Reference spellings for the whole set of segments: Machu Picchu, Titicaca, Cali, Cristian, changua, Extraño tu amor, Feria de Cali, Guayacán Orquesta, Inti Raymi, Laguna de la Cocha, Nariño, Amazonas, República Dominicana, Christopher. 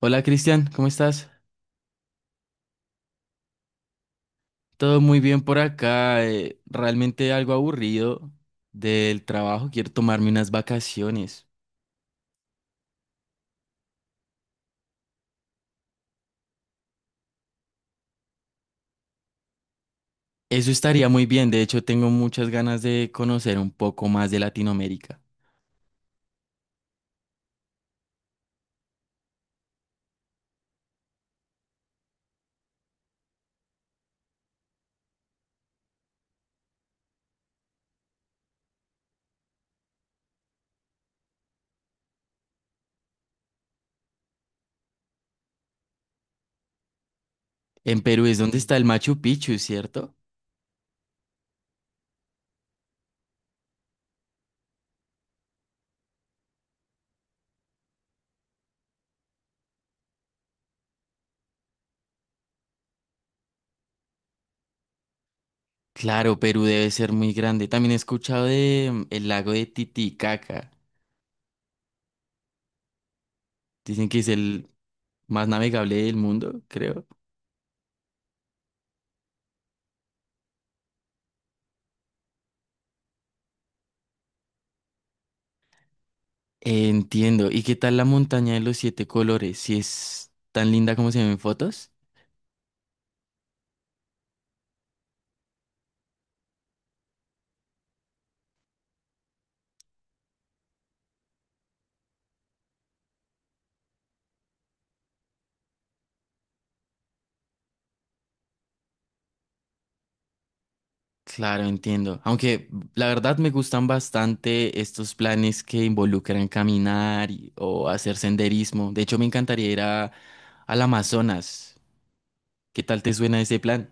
Hola Cristian, ¿cómo estás? Todo muy bien por acá. Realmente algo aburrido del trabajo. Quiero tomarme unas vacaciones. Eso estaría muy bien. De hecho, tengo muchas ganas de conocer un poco más de Latinoamérica. En Perú es donde está el Machu Picchu, ¿cierto? Claro, Perú debe ser muy grande. También he escuchado de el lago de Titicaca. Dicen que es el más navegable del mundo, creo. Entiendo. ¿Y qué tal la montaña de los siete colores? Si es tan linda como se ven en fotos. Claro, entiendo. Aunque la verdad me gustan bastante estos planes que involucran o hacer senderismo. De hecho, me encantaría ir al Amazonas. ¿Qué tal te suena ese plan?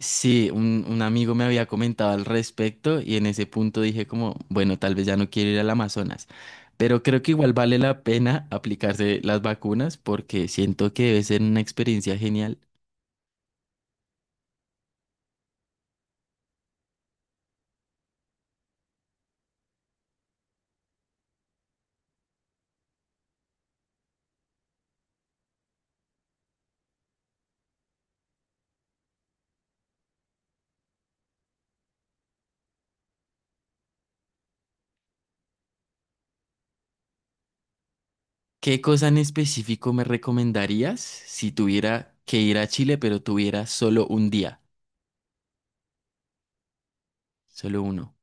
Sí, un amigo me había comentado al respecto y en ese punto dije como, bueno, tal vez ya no quiero ir al Amazonas, pero creo que igual vale la pena aplicarse las vacunas porque siento que debe ser una experiencia genial. ¿Qué cosa en específico me recomendarías si tuviera que ir a Chile, pero tuviera solo un día? Solo uno.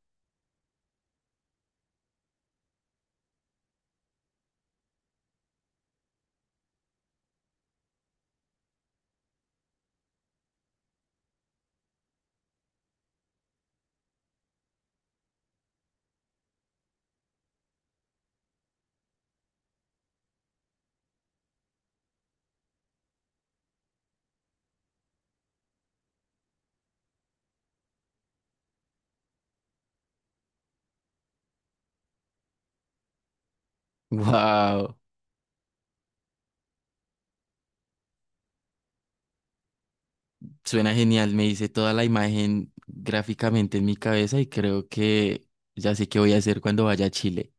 Wow, suena genial, me hice toda la imagen gráficamente en mi cabeza y creo que ya sé qué voy a hacer cuando vaya a Chile.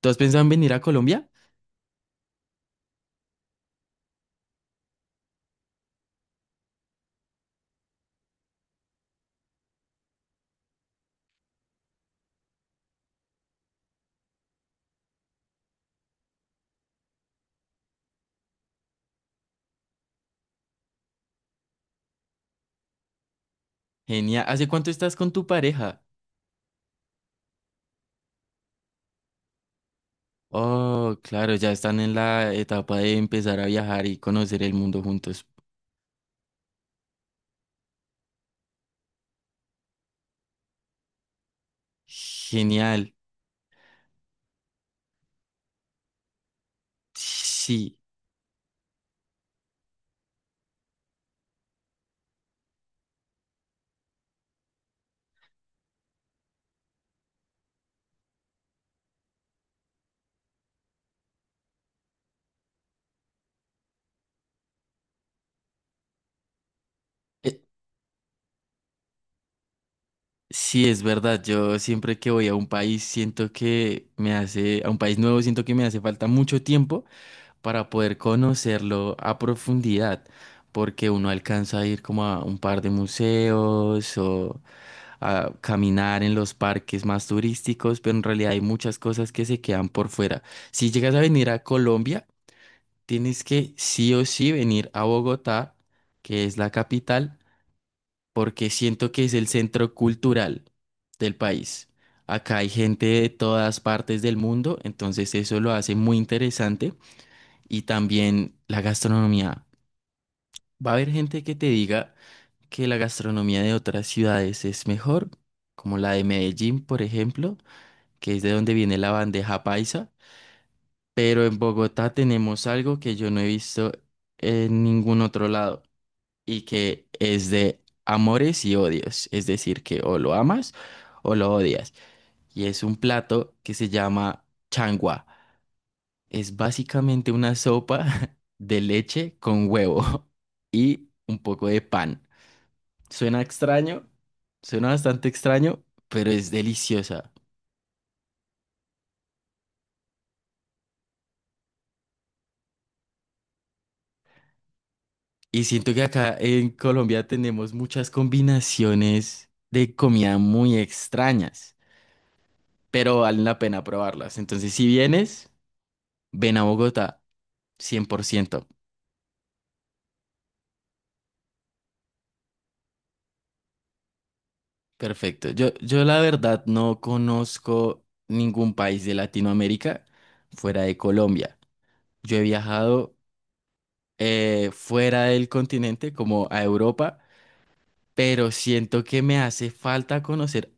¿Tú has pensado en venir a Colombia? Genial. ¿Hace cuánto estás con tu pareja? Oh, claro, ya están en la etapa de empezar a viajar y conocer el mundo juntos. Genial. Sí, eh, sí, es verdad. Yo siempre que voy a un país siento que me hace, a un país nuevo siento que me hace falta mucho tiempo, para poder conocerlo a profundidad, porque uno alcanza a ir como a un par de museos o a caminar en los parques más turísticos, pero en realidad hay muchas cosas que se quedan por fuera. Si llegas a venir a Colombia, tienes que sí o sí venir a Bogotá, que es la capital, porque siento que es el centro cultural del país. Acá hay gente de todas partes del mundo, entonces eso lo hace muy interesante. Y también la gastronomía. Va a haber gente que te diga que la gastronomía de otras ciudades es mejor, como la de Medellín, por ejemplo, que es de donde viene la bandeja paisa, pero en Bogotá tenemos algo que yo no he visto en ningún otro lado y que es de amores y odios, es decir, que o lo amas o lo odias. Y es un plato que se llama changua. Es básicamente una sopa de leche con huevo y un poco de pan. Suena extraño, suena bastante extraño, pero es deliciosa. Y siento que acá en Colombia tenemos muchas combinaciones de comida muy extrañas, pero valen la pena probarlas. Entonces, si vienes, ven a Bogotá, 100%. Perfecto. Yo la verdad no conozco ningún país de Latinoamérica fuera de Colombia. Yo he viajado fuera del continente, como a Europa, pero siento que me hace falta conocer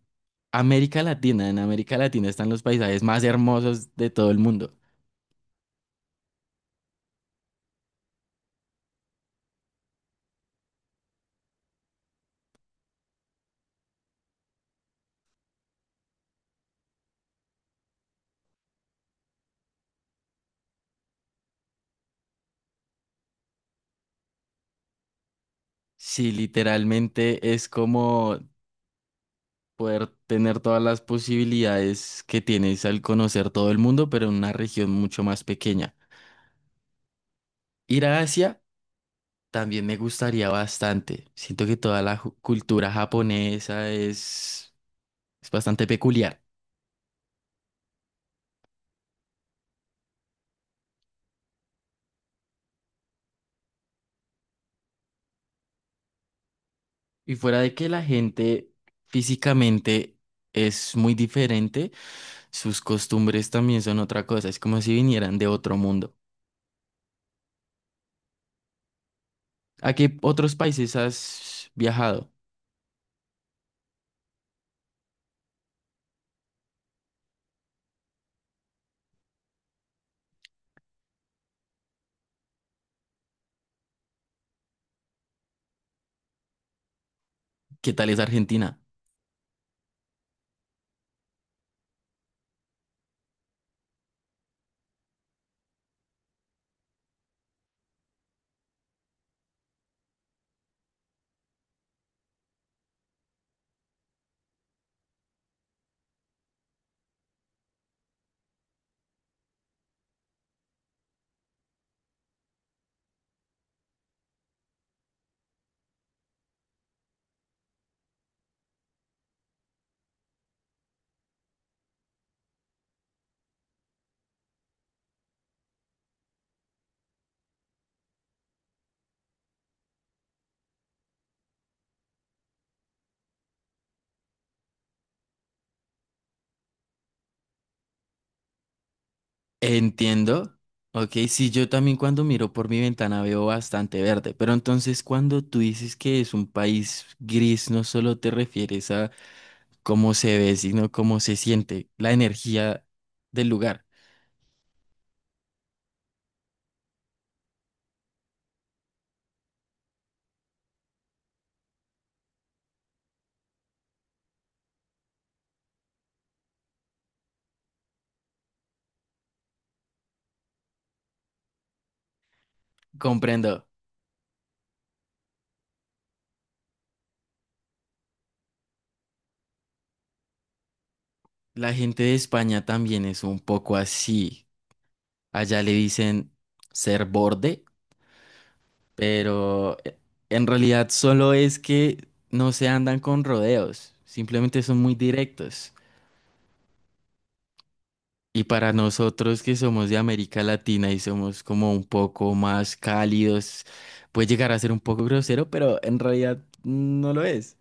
América Latina. En América Latina están los paisajes más hermosos de todo el mundo. Sí, literalmente es como poder tener todas las posibilidades que tienes al conocer todo el mundo, pero en una región mucho más pequeña. Ir a Asia también me gustaría bastante. Siento que toda la cultura japonesa es bastante peculiar. Y fuera de que la gente físicamente es muy diferente, sus costumbres también son otra cosa. Es como si vinieran de otro mundo. ¿A qué otros países has viajado? ¿Qué tal es Argentina? Entiendo. Ok, sí, yo también cuando miro por mi ventana veo bastante verde, pero entonces cuando tú dices que es un país gris, no solo te refieres a cómo se ve, sino cómo se siente, la energía del lugar. Comprendo. La gente de España también es un poco así. Allá le dicen ser borde, pero en realidad solo es que no se andan con rodeos, simplemente son muy directos. Y para nosotros que somos de América Latina y somos como un poco más cálidos, puede llegar a ser un poco grosero, pero en realidad no lo es.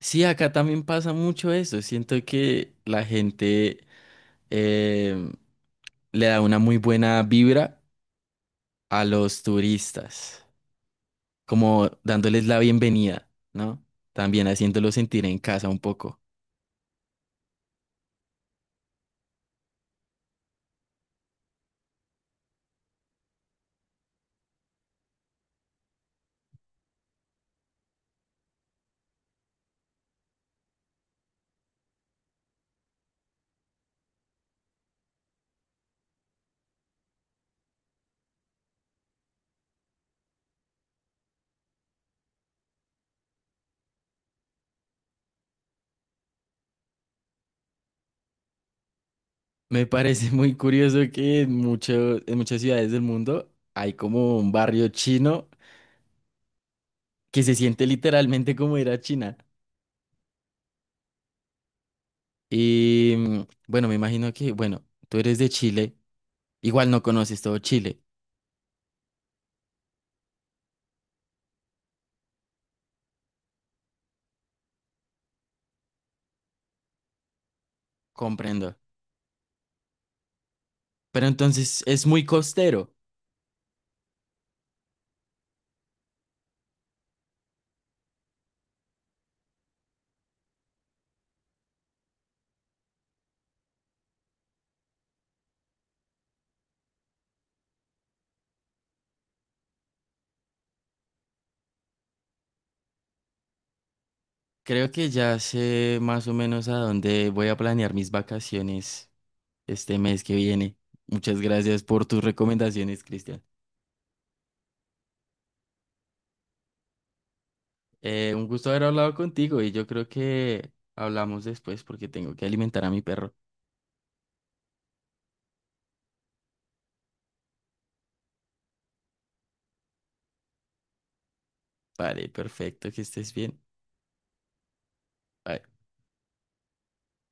Sí, acá también pasa mucho eso. Siento que la gente em, le da una muy buena vibra a los turistas, como dándoles la bienvenida, ¿no? También haciéndolos sentir en casa un poco. Me parece muy curioso que en en muchas ciudades del mundo hay como un barrio chino que se siente literalmente como ir a China. Y mm, bueno, me imagino que, bueno, tú eres de Chile, igual no conoces todo Chile, comprendo. Pero entonces es muy costero. Creo que ya sé más o menos a dónde voy a planear mis vacaciones este mes que viene. Muchas gracias por tus recomendaciones, Cristian. Un gusto haber hablado contigo y yo creo que hablamos después porque tengo que alimentar a mi perro. Vale, perfecto, que estés bien. Bye.